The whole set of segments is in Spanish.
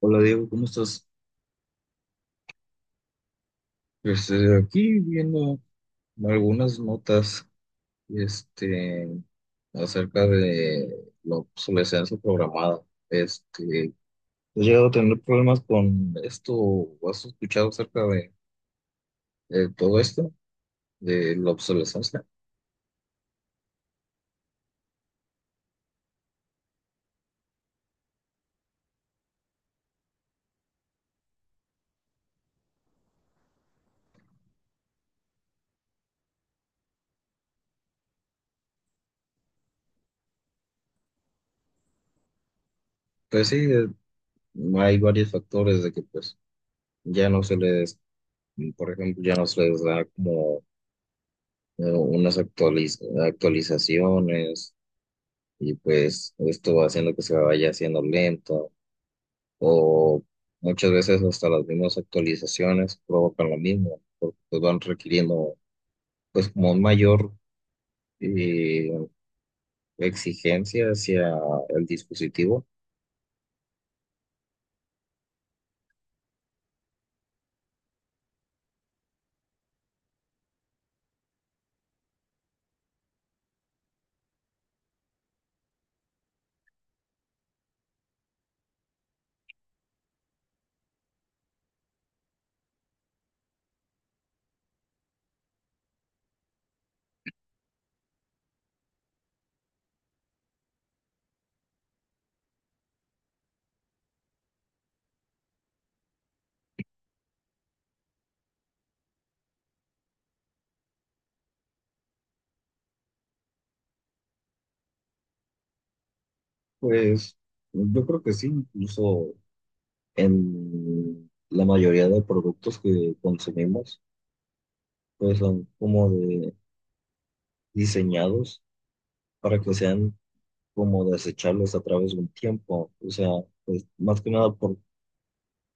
Hola Diego, ¿cómo estás? Pues aquí viendo algunas notas este, acerca de la obsolescencia programada. Este, ¿has llegado a tener problemas con esto o has escuchado acerca de todo esto, de la obsolescencia? Pues sí, hay varios factores de que pues ya no se les, por ejemplo, ya no se les da como unas actualizaciones y pues esto va haciendo que se vaya haciendo lento o muchas veces hasta las mismas actualizaciones provocan lo mismo porque pues van requiriendo pues como un mayor eh, exigencia hacia el dispositivo. Pues yo creo que sí, incluso en la mayoría de productos que consumimos pues son como de diseñados para que sean como desechables a través de un tiempo, o sea, pues más que nada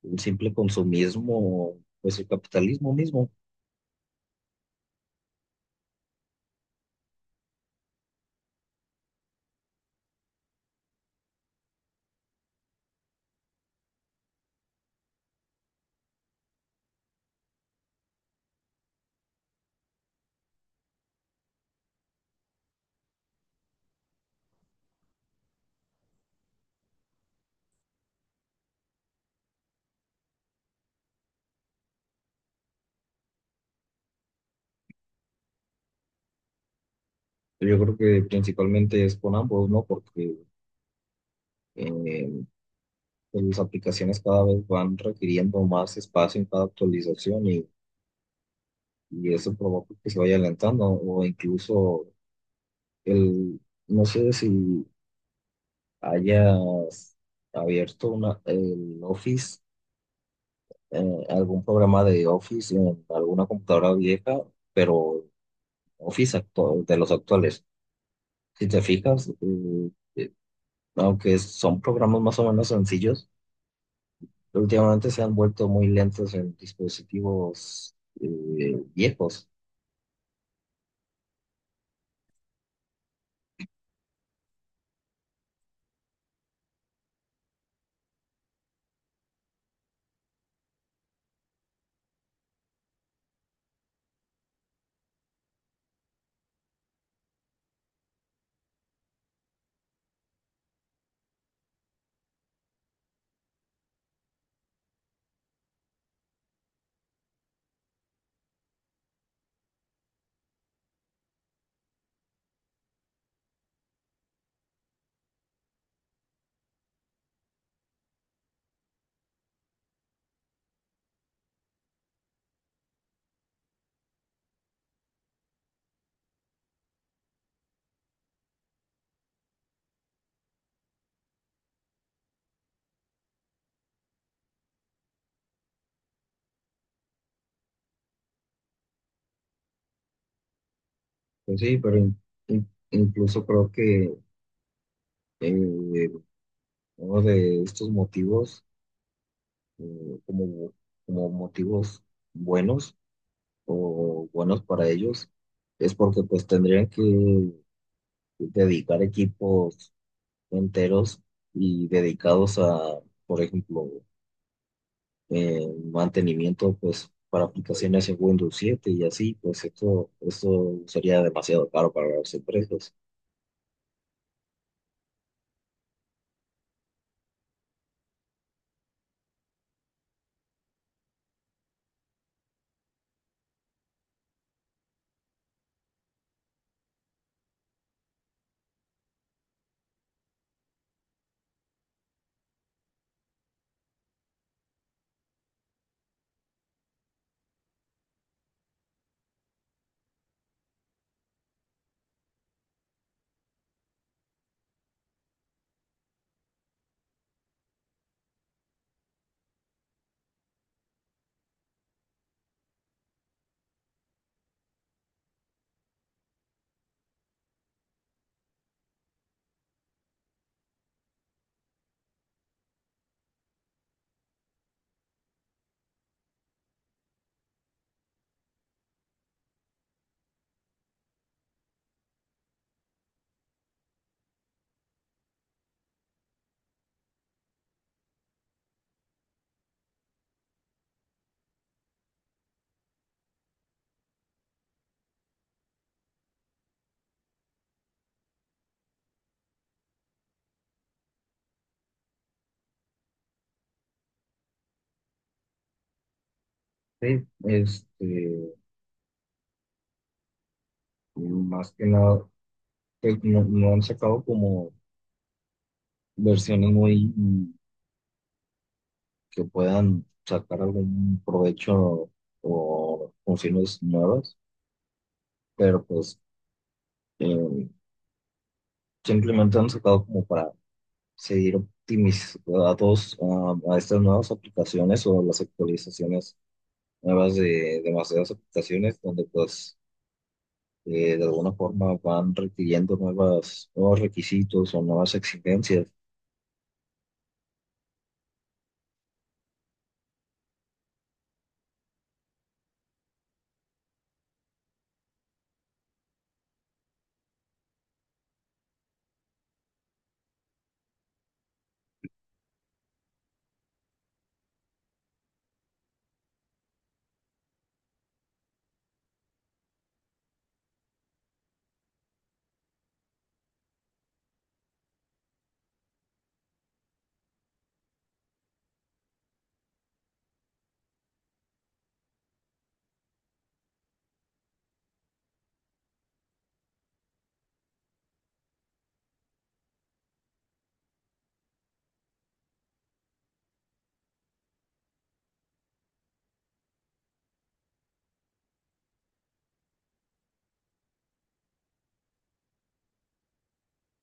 el simple consumismo, o pues el capitalismo mismo. Yo creo que principalmente es con ambos, ¿no? Porque eh, pues, las aplicaciones cada vez van requiriendo más espacio en cada actualización, y eso provoca que se vaya alentando, o incluso el, no sé si hayas abierto una, el Office, algún programa de Office en alguna computadora vieja, pero Office de los actuales. Si te fijas, aunque son programas más o menos sencillos, pero últimamente se han vuelto muy lentos en dispositivos viejos. Pues sí, pero incluso creo que eh, uno de estos motivos, eh, como, como motivos buenos o buenos para ellos, es porque pues tendrían que dedicar equipos enteros y dedicados a, por ejemplo, eh, mantenimiento pues para aplicaciones en Windows 7 y así, pues esto sería demasiado caro para las empresas. Sí, este, más que nada, pues, no, no han sacado como versiones muy que puedan sacar algún provecho o funciones nuevas, pero pues eh, simplemente han sacado como para seguir optimizando a estas nuevas aplicaciones o las actualizaciones nuevas de demasiadas aplicaciones donde pues de alguna forma van requiriendo nuevos requisitos o nuevas exigencias.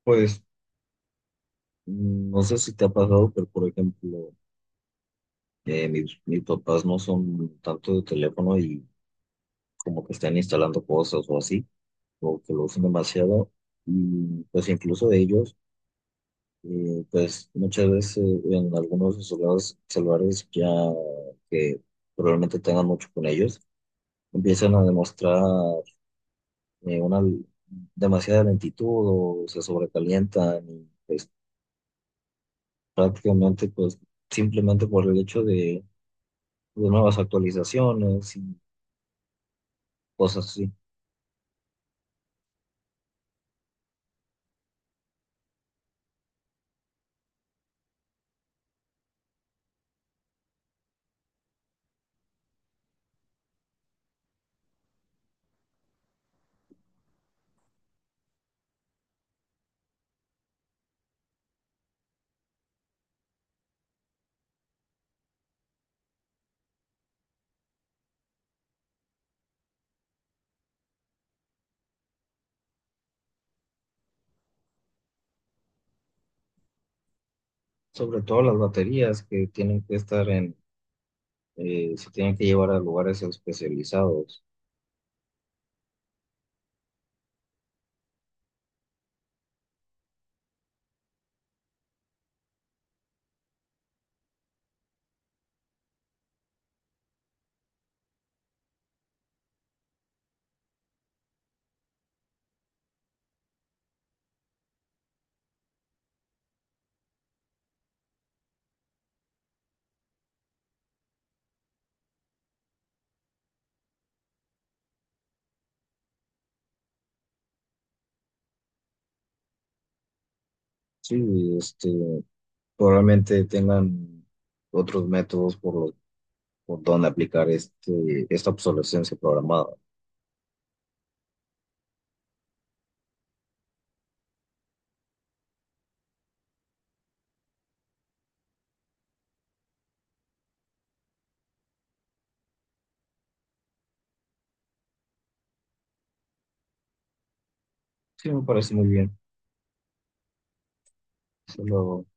Pues mm, no sé si te ha pasado, pero por ejemplo, mis papás no son tanto de teléfono y como que están instalando cosas o así, o que lo usan demasiado, y pues incluso ellos. Pues muchas veces en algunos de sus celulares ya que probablemente tengan mucho con ellos, empiezan a demostrar una demasiada lentitud o se sobrecalientan y pues, prácticamente pues simplemente por el hecho de nuevas actualizaciones y cosas así. Sobre todo las baterías que tienen que estar en, se tienen que llevar a lugares especializados. Sí, este, probablemente tengan otros métodos por los, por donde aplicar este, esta obsolescencia programada. Sí, me parece muy bien. Solo